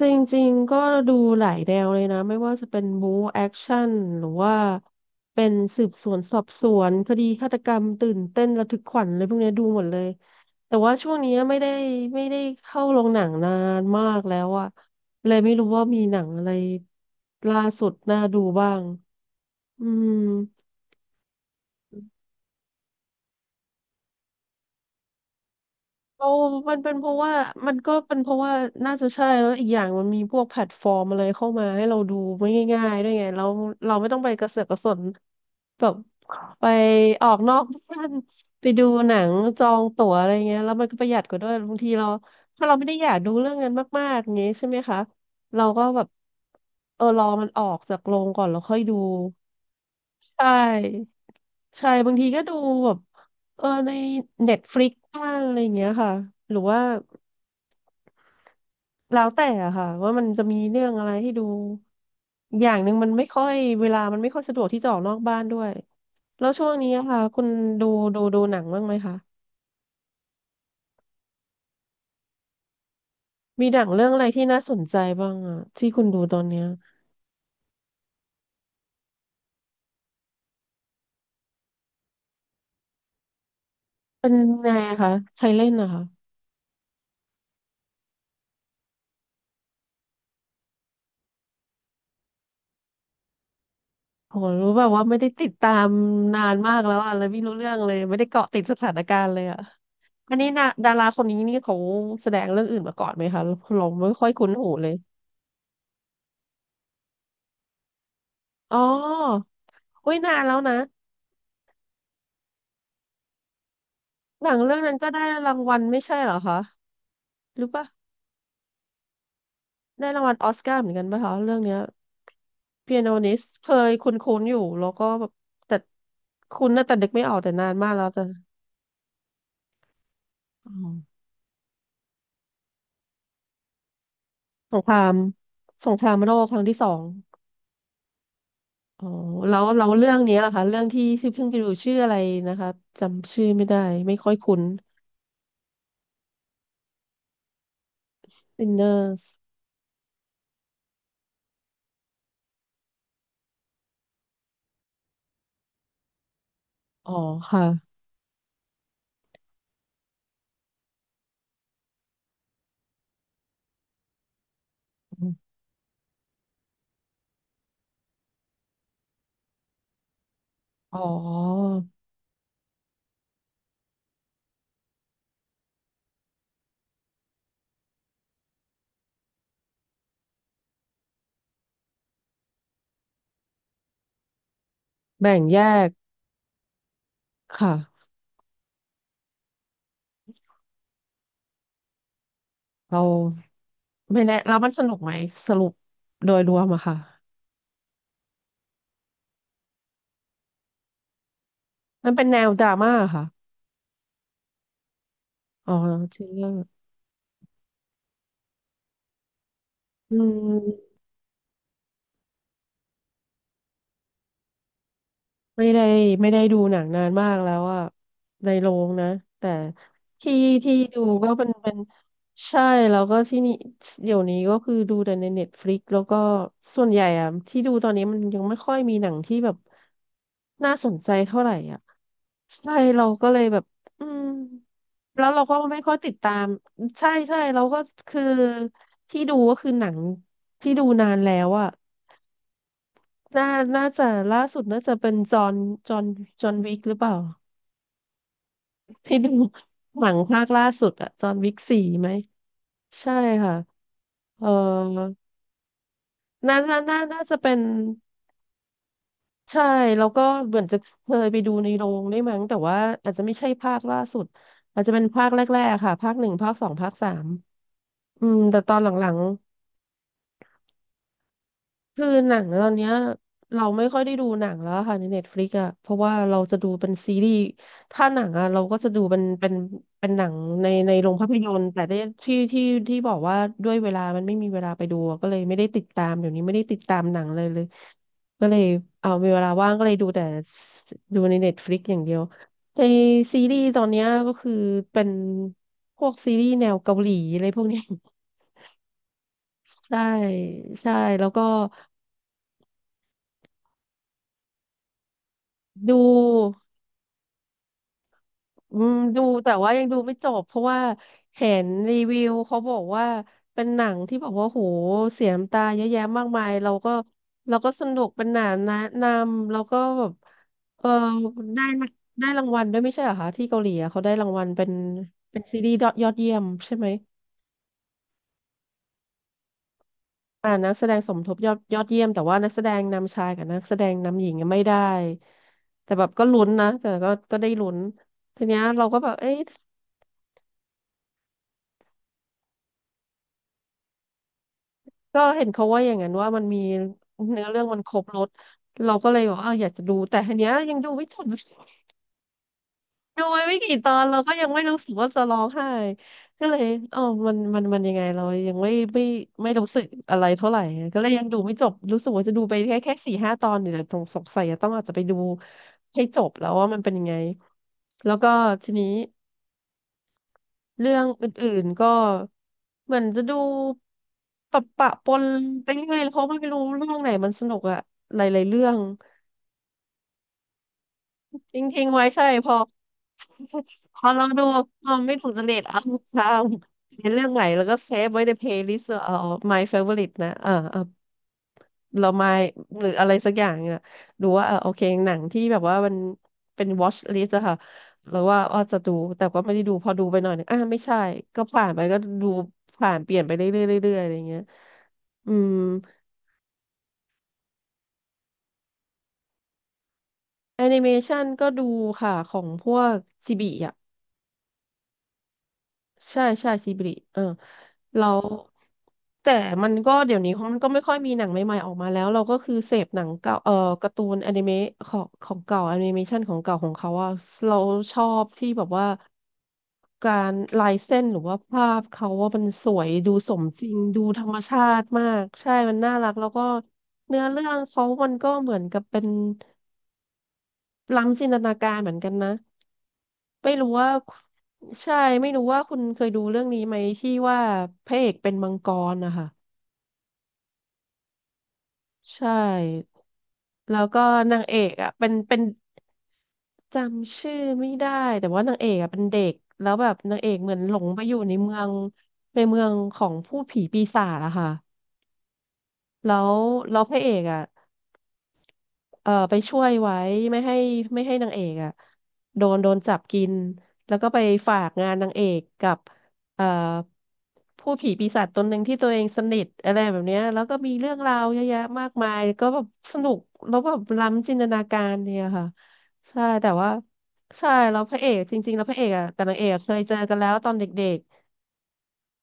จริงๆก็ดูหลายแนวเลยนะไม่ว่าจะเป็นบู๊แอคชั่นหรือว่าเป็นสืบสวนสอบสวนคดีฆาตกรรมตื่นเต้นระทึกขวัญอะไรพวกเนี้ยดูหมดเลยแต่ว่าช่วงนี้ไม่ได้เข้าโรงหนังนานมากแล้วอะเลยไม่รู้ว่ามีหนังอะไรล่าสุดน่าดูบ้างอืมโอ้มันเป็นเพราะว่ามันก็เป็นเพราะว่าน่าจะใช่แล้วอีกอย่างมันมีพวกแพลตฟอร์มอะไรเข้ามาให้เราดูไม่ง่ายๆด้วยไงเราไม่ต้องไปกระเสือกกระสน แบบไปออกนอกบ้านไปดูหนังจองตั๋วอะไรเงี้ยแล้วมันก็ประหยัดกว่าด้วยบางทีเราถ้าเราไม่ได้อยากดูเรื่องนั้นมากๆอย่างงี้ใช่ไหมคะเราก็แบบรอมันออกจากโรงก่อนแล้วค่อยดูใช่ใช่บางทีก็ดูแบบในเน็ตฟลิกบ้างอะไรอย่างเงี้ยค่ะหรือว่า แล้วแต่อะค่ะว่ามันจะมีเรื่องอะไรให้ดูอย่างหนึ่งมันไม่ค่อยเวลามันไม่ค่อยสะดวกที่จะออกนอกบ้านด้วยแล้วช่วงนี้อะค่ะคุณดูดูหนังบ้างไหมคะมีหนังเรื่องอะไรที่น่าสนใจบ้างอะที่คุณดูตอนเนี้ยเป็นไงอะคะใครเล่นนะคะโหรู้แบบว่าไม่ได้ติดตามนานมากแล้วอะเลยไม่รู้เรื่องเลยไม่ได้เกาะติดสถานการณ์เลยอะอันนี้นะดาราคนนี้นี่เขาแสดงเรื่องอื่นมาก่อนไหมคะเราไม่ค่อยคุ้นหูเลยอ๋ออุ้ยนานแล้วนะ หนังเรื่องนั้นก็ได้รางวัลไม่ใช่เหรอคะหรือปะได้รางวัลออสการ์เหมือนกันปะคะเรื่องเนี้ยเปียโนนิสเคยคุ้นๆอยู่แล้วก็แบบแต่คุ้นนะแต่นึกไม่ออกแต่นานมากแล้วแต่อ๋อสงครามสงครามโลกครั้งที่สองอ๋อแล้วเรื่องนี้ล่ะคะเรื่องที่เพิ่งไปดูชื่ออะไรนะคะจำชื่อไม่ได้ไม่ค่อยคุ้น Sinners อ๋อค่ะอ๋อแบ่งแยกค่ะเรา ไม่แน่แล้วมันสนุกไหมสรุปโดยรวมอะค่ะมันเป็นแนวดราม่าค่ะอ๋อชื่อเรื่องอืม ไม่ได้ไม่ได้ดูหนังนานมากแล้วอะในโรงนะแต่ที่ที่ดูก็เป็นใช่แล้วก็ที่นี่เดี๋ยวนี้ก็คือดูแต่ในเน็ตฟลิกแล้วก็ส่วนใหญ่อะที่ดูตอนนี้มันยังไม่ค่อยมีหนังที่แบบน่าสนใจเท่าไหร่อ่ะใช่เราก็เลยแบบอืมแล้วเราก็ไม่ค่อยติดตามใช่ใช่เราก็คือที่ดูก็คือหนังที่ดูนานแล้วอะ น่าน่าจะล่าสุดน่าจะเป็นจอห์นจอห์นวิกหรือเปล่าที่ดูหนังภาคล่าสุดอะจอห์นวิก 4ไหม ใช่ค่ะเออน่าจะเป็น ใช่ แล้วก็เหมือนจะเคยไปดูในโรงได้วยมั้งแต่ว่าอาจจะไม่ใช่ภาคล่าสุดอาจจะเป็นภาคแรกๆค่ะภาคหนึ่งภาคสองภาคสามอืม แต่ตอนหลังๆ คือหนังตอนเนี้ยเราไม่ค่อยได้ดูหนังแล้วค่ะในเน็ตฟลิกอะเพราะว่าเราจะดูเป็นซีรีส์ถ้าหนังอะเราก็จะดูเป็นหนังในโรงภาพยนตร์แต่ได้ที่ที่ที่บอกว่าด้วยเวลามันไม่มีเวลาไปดูอะก็เลยไม่ได้ติดตามเดี๋ยวนี้ไม่ได้ติดตามหนังเลยเลยก็เลยเอามีเวลาว่างก็เลยดูแต่ดูในเน็ตฟลิกอย่างเดียวในซีรีส์ตอนเนี้ยก็คือเป็นพวกซีรีส์แนวเกาหลีอะไรพวกเนี้ย ใช่ใช่แล้วก็ดู อืมดูแต่ว่ายังดูไม่จบเพราะว่าเห็นรีวิวเขาบอกว่าเป็นหนังที่บอกว่าโหเสียน้ำตาเยอะแยะมากมายเราก็สนุกเป็นหนังแนะนำแล้วก็แบบเออได้มาได้รางวัลด้วยไม่ใช่เหรอคะที่เกาหลีอะเขาได้รางวัลเป็นซีรีส์ยอดเยี่ยมใช่ไหมอ่านักแสดงสมทบยอดเยี่ยมแต่ว่านักแสดงนำชายกับนักแสดงนำหญิงยังไม่ได้แต่แบบก็ลุ้นนะแต่ก็ได้ลุ้นทีเนี้ยเราก็แบบเอ๊ะ ก็เห็นเขาว่าอย่างนั้นว่ามันมีเนื้อเรื่องมันครบรสเราก็เลยบอกว่าอยากจะดูแต่ทีเนี้ยยังดูไม่จบ ดูไปไม่กี่ตอนเราก็ยังไม่รู้สึกว่าจะร้องไห้ก็เลยเอ๋อมันยังไงเรายังไม่รู้สึกอะไรเท่าไหร่ก็เลยยังดูไม่จบรู้สึกว่าจะดูไปแค่4-5 ตอนเดี๋ยวนะตรงสงสัยจะต้องอาจจะไปดูให้จบแล้วว่ามันเป็นยังไงแล้วก็ทีนี้ เรื่องอื่นๆก็เหมือนจะดูปะปนไปเรื่อยเพราะไม่รู้เรื่องไหนมันสนุกอะหลายๆเรื่องทิ้งๆไว้ใช่พอเราดูเราไม่ถูกจริตเอาข้ามเห็นเรื่องใหม่แล้วก็เซฟไว้ในเพลย์ลิสต์เอา my favorite นะเออเออเรามาหรืออะไรสักอย่างเนี่ยดูว่าเออโอเคหนังที่แบบว่ามันเป็น watch list อะค่ะหรือว่าอ้อจะดูแต่ก็ไม่ได้ดูพอดูไปหน่อยหนึงอ่ะไม่ใช่ก็ผ่านไปก็ดูผ่านเปลี่ยนไปเรื่อยๆเรื่อยๆอะไรอย่างเงี้ยอืมแอนิเมชันก็ดูค่ะของพวกจิบิ ใช่ใช่ชิบริเออแล้วแต่มันก็เดี๋ยวนี้มันก็ไม่ค่อยมีหนังใหม่ๆออกมาแล้วเราก็คือเสพหนังเก่าการ์ตูนอนิเมะของเก่าแอนิเมชันของเก่าของเขาอะเราชอบที่แบบว่าการลายเส้นหรือว่าภาพเขาว่ามันสวยดูสมจริงดูธรรมชาติมากใช่มันน่ารักแล้วก็เนื้อเรื่องเขามันก็เหมือนกับเป็นล้ำจินตนาการเหมือนกันนะ ไม่รู้ว่าใช่ไม่รู้ว่าคุณเคยดูเรื่องนี้ไหมที่ว่าพระเอกเป็นมังกรนะคะใช่แล้วก็นางเอกอ่ะเป็นจำชื่อไม่ได้แต่ว่านางเอกอ่ะเป็นเด็กแล้วแบบนางเอกเหมือนหลงไปอยู่ในเมืองในเมืองของผู้ผีปีศาจอะค่ะแล้วแล้วพระเอกอ่ะ ไปช่วยไว้ไม่ให้ไม่ให้นางเอกอ่ะโดนจับกินแล้วก็ไปฝากงานนางเอกกับเอ่อผู้ผีปีศาจตนหนึ่งที่ตัวเองสนิทอะไรแบบเนี้ยแล้วก็มีเรื่องราวเยอะแยะมากมายก็แบบสนุกแล้วแบบล้ำจินตนาการเนี่ยค่ะใช่แต่ว่าใช่แล้วพระเอกจริงๆแล้วพระเอกอ่ะกับนางเอกอะเคยเจอกันแล้วตอนเด็ก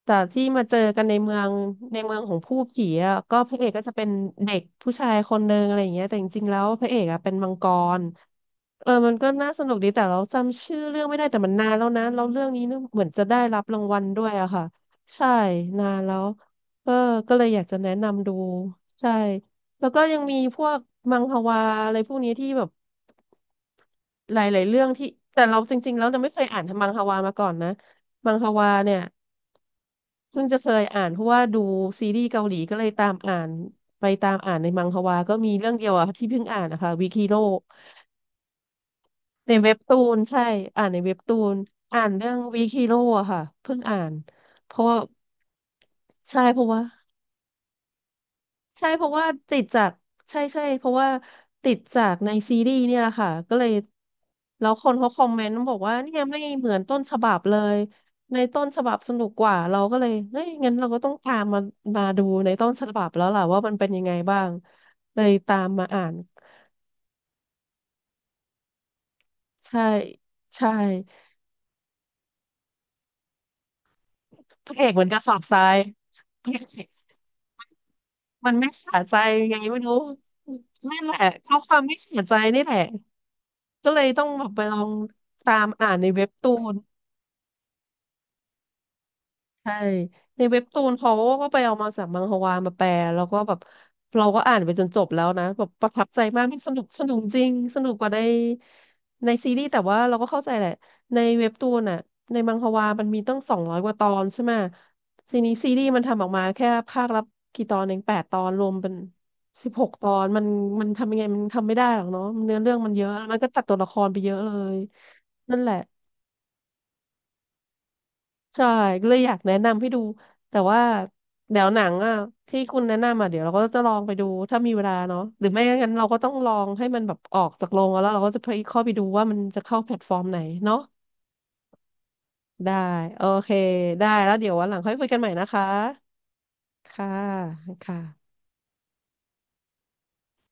แต่ที่มาเจอกันในเมืองในเมืองของผู้ผีอ่ะก็พระเอกก็จะเป็นเด็กผู้ชายคนนึงอะไรอย่างเงี้ยแต่จริงๆแล้วพระเอกอ่ะเป็นมังกรเออมันก็น่าสนุกดีแต่เราจำชื่อเรื่องไม่ได้แต่มันนานแล้วนะแล้วเรื่องนี้เนี่ยเหมือนจะได้รับรางวัลด้วยอะค่ะใช่นานแล้วเออก็เลยอยากจะแนะนำดูใช่แล้วก็ยังมีพวกมังฮวาอะไรพวกนี้ที่แบบหลายๆเรื่องที่แต่เราจริงๆแล้วเราไม่เคยอ่านมังฮวามาก่อนนะมังฮวาเนี่ย เพิ่งจะเคยอ่านเพราะว่าดูซีรีส์เกาหลีก็เลยตามอ่านไปตามอ่านในมังฮวาก็มีเรื่องเดียวอะที่เพิ่งอ่านนะคะวีคิโร่ในเว็บตูนใช่อ่านในเว็บตูนอ่านเรื่องวีคิโร่อะค่ะเพิ่งอ่านเพราะว่าใช่เพราะว่า ใช่เพราะว่าติดจากใช่ใช่เพราะว่าติดจากในซีรีส์เนี่ยแหละค่ะก็เลยแล้วคนเขาคอมเมนต์บอกว่าเนี่ยไม่เหมือนต้นฉบับเลยในต้นฉบับสนุกกว่าเราก็เลยเฮ้ยงั้นเราก็ต้องตามมาดูในต้นฉบับแล้วล่ะว่ามันเป็นยังไงบ้างเลยตามมาอ่านใช่ใช่พระเอกเหมือนกระสอบทราย พระเอกมันไม่สะใจยังไงไม่รู้นั่นแหละเพราะความไม่สะใจนี่แหละ ก็เลยต้องแบบไปลองตามอ่านในเว็บตูนใช่ในเว็บตูนเขาก็ไปเอามาจากมังฮวามาแปลแล้วก็แบบเราก็อ่านไปจนจบแล้วนะแบบประทับใจมากมันสนุกสนุกจริงสนุกกว่าในในซีรีส์แต่ว่าเราก็เข้าใจแหละในเว็บตูนอ่ะในมังฮวามันมีตั้ง200 กว่าตอนใช่ไหมซีรีส์มันทำออกมาแค่ภาคละกี่ตอนเอง8 ตอนรวมเป็น16 ตอนมันทำยังไงมันทำไม่ได้หรอกเนาะเนื้อเรื่องมันเยอะมันก็ตัดตัวละครไปเยอะเลยนั่นแหละ ใช่ก็เลยอยากแนะนำให้ดูแต่ว่าเดี๋ยวหนังอ่ะที่คุณแนะนำอ่ะเดี๋ยวเราก็จะลองไปดูถ้ามีเวลาเนาะหรือไม่งั้นเราก็ต้องลองให้มันแบบออกจากโรงแล้วเราก็จะไปเข้าไปดูว่ามันจะเข้าแพลตฟอร์มไหนเนาะได้โอเคได้แล้วเดี๋ยววันหลังค่อยคุยกันใหม่นะคะค่ะค่ะ